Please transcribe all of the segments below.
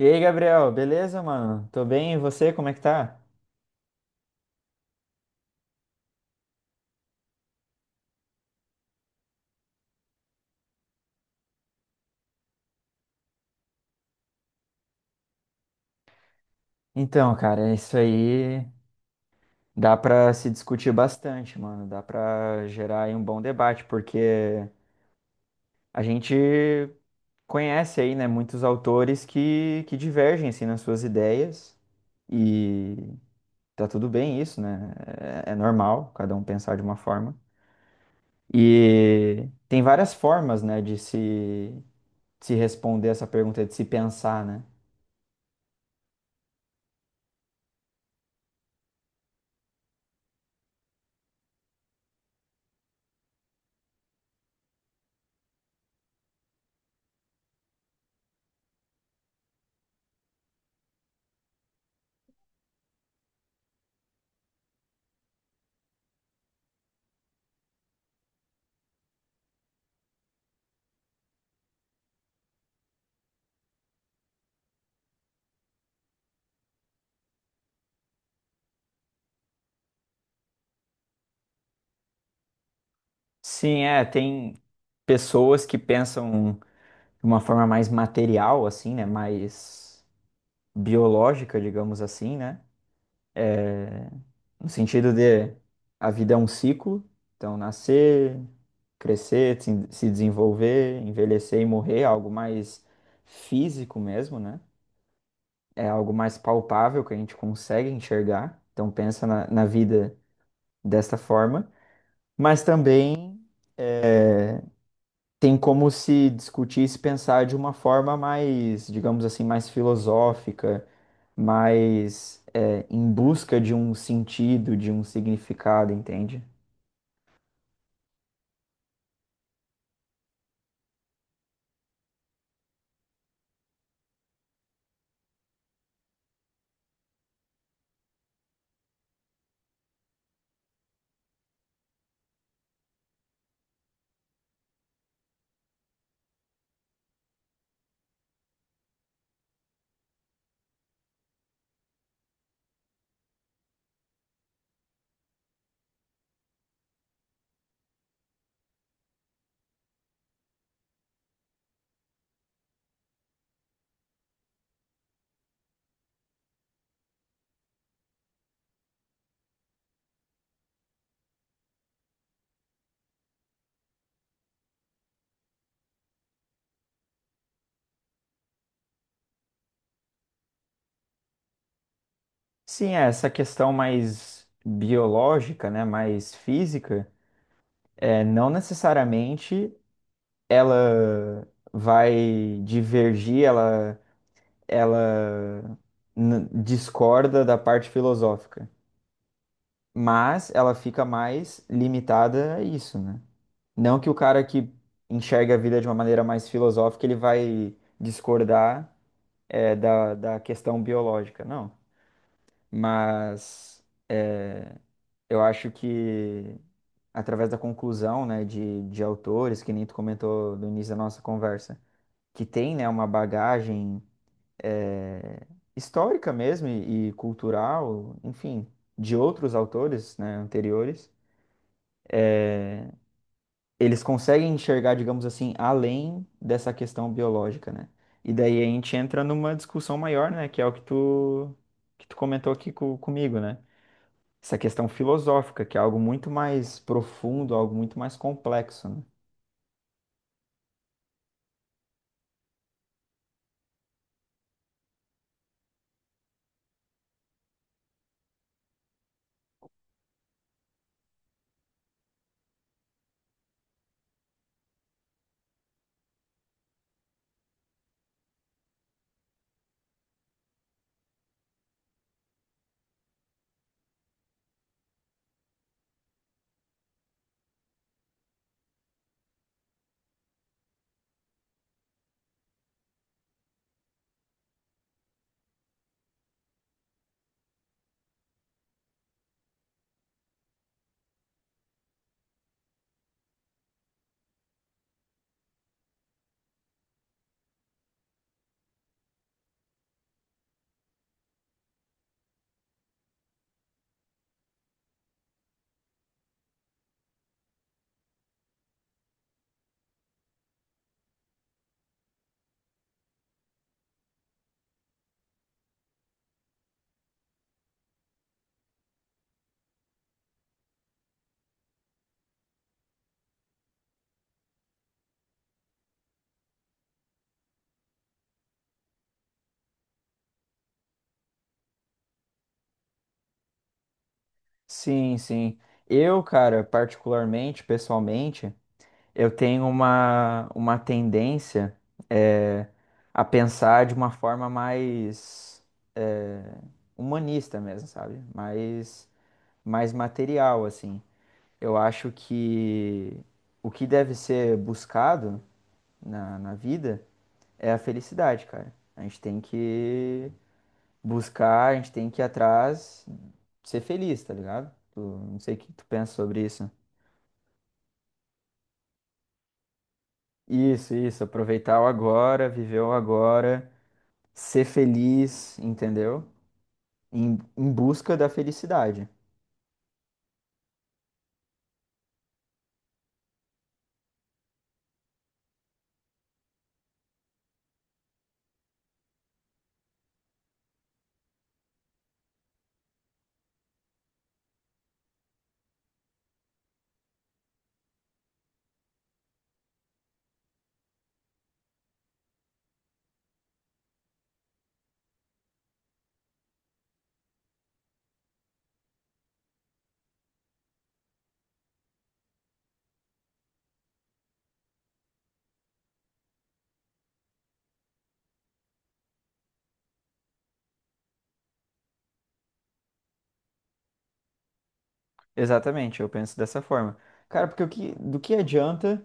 E aí, Gabriel, beleza, mano? Tô bem, e você, como é que tá? Então, cara, é isso aí dá pra se discutir bastante, mano. Dá pra gerar aí um bom debate, porque a gente conhece aí, né, muitos autores que divergem, assim, nas suas ideias. E tá tudo bem isso, né? É normal cada um pensar de uma forma. E tem várias formas, né, de se responder essa pergunta, de se pensar, né? Sim, é, tem pessoas que pensam de uma forma mais material, assim, né? Mais biológica, digamos assim, né? No sentido de a vida é um ciclo, então nascer, crescer, se desenvolver, envelhecer e morrer, é algo mais físico mesmo, né? É algo mais palpável que a gente consegue enxergar, então pensa na vida desta forma, mas também tem como se discutir e se pensar de uma forma mais, digamos assim, mais filosófica, mais em busca de um sentido, de um significado, entende? Sim, é, essa questão mais biológica, né, mais física, não necessariamente ela vai divergir, ela n- discorda da parte filosófica, mas ela fica mais limitada a isso, né? Não que o cara que enxerga a vida de uma maneira mais filosófica, ele vai discordar, é, da questão biológica, não. Mas é, eu acho que através da conclusão, né, de autores, que nem tu comentou no início da nossa conversa, que tem, né, uma bagagem é, histórica mesmo e cultural, enfim, de outros autores, né, anteriores, eles conseguem enxergar, digamos assim, além dessa questão biológica, né? E daí a gente entra numa discussão maior, né? Que é o que tu comentou aqui co- comigo, né? Essa questão filosófica, que é algo muito mais profundo, algo muito mais complexo, né? Sim, sim. Eu, cara, particularmente, pessoalmente, eu tenho uma tendência é, a pensar de uma forma mais é, humanista mesmo, sabe? Mais material, assim. Eu acho que o que deve ser buscado na vida é a felicidade, cara. A gente tem que buscar, a gente tem que ir atrás, ser feliz, tá ligado? Tu- não sei o que tu pensa sobre isso. Isso, aproveitar o agora, viver o agora, ser feliz, entendeu? Em busca da felicidade. Exatamente, eu penso dessa forma. Cara, porque do que adianta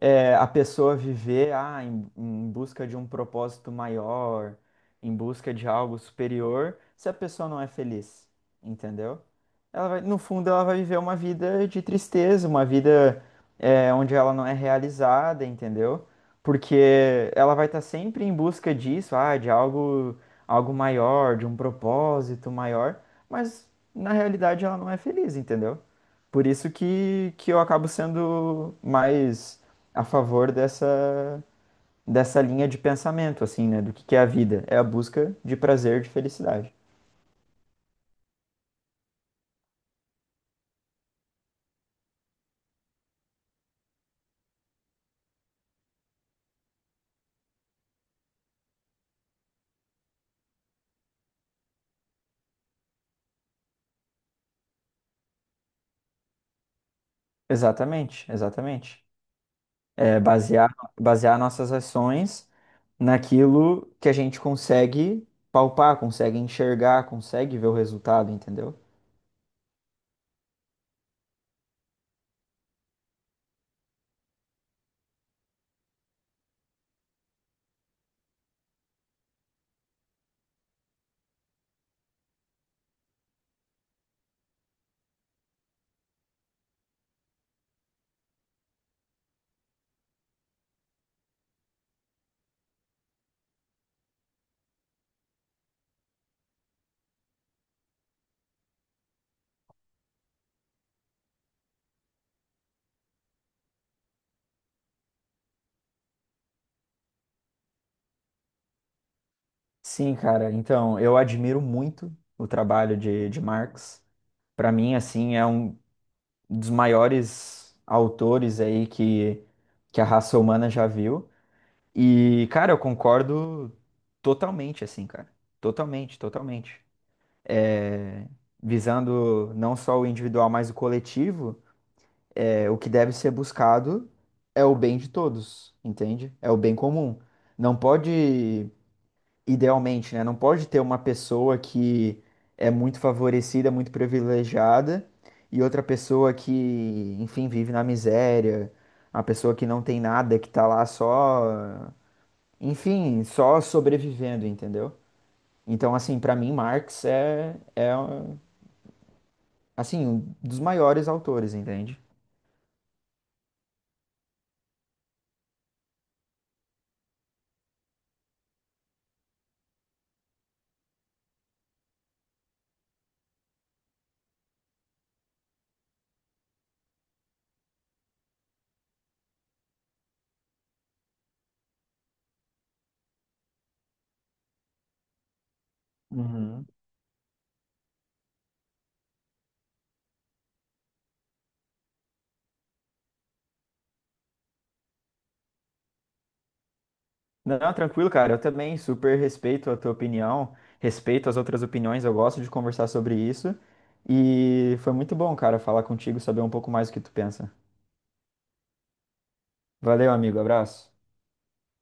é, a pessoa viver ah, em busca de um propósito maior, em busca de algo superior, se a pessoa não é feliz, entendeu? Ela vai, no fundo, ela vai viver uma vida de tristeza, uma vida é, onde ela não é realizada, entendeu? Porque ela vai estar sempre em busca disso, ah, de algo, algo maior, de um propósito maior, mas na realidade ela não é feliz, entendeu? Por isso que eu acabo sendo mais a favor dessa, dessa linha de pensamento, assim, né? Do que é a vida? É a busca de prazer, de felicidade. Exatamente, exatamente. É basear, basear nossas ações naquilo que a gente consegue palpar, consegue enxergar, consegue ver o resultado, entendeu? Sim, cara. Então, eu admiro muito o trabalho de Marx. Para mim, assim, é um dos maiores autores aí que a raça humana já viu. E, cara, eu concordo totalmente, assim, cara. Totalmente, totalmente. É, visando não só o individual, mas o coletivo, é, o que deve ser buscado é o bem de todos, entende? É o bem comum. Não pode idealmente, né? Não pode ter uma pessoa que é muito favorecida, muito privilegiada, e outra pessoa que, enfim, vive na miséria, a pessoa que não tem nada, que tá lá só, enfim, só sobrevivendo, entendeu? Então, assim, pra mim, Marx é, assim, um dos maiores autores, entende? Uhum. Não, tranquilo, cara. Eu também super respeito a tua opinião, respeito as outras opiniões, eu gosto de conversar sobre isso. E foi muito bom, cara, falar contigo, saber um pouco mais o que tu pensa. Valeu, amigo. Abraço.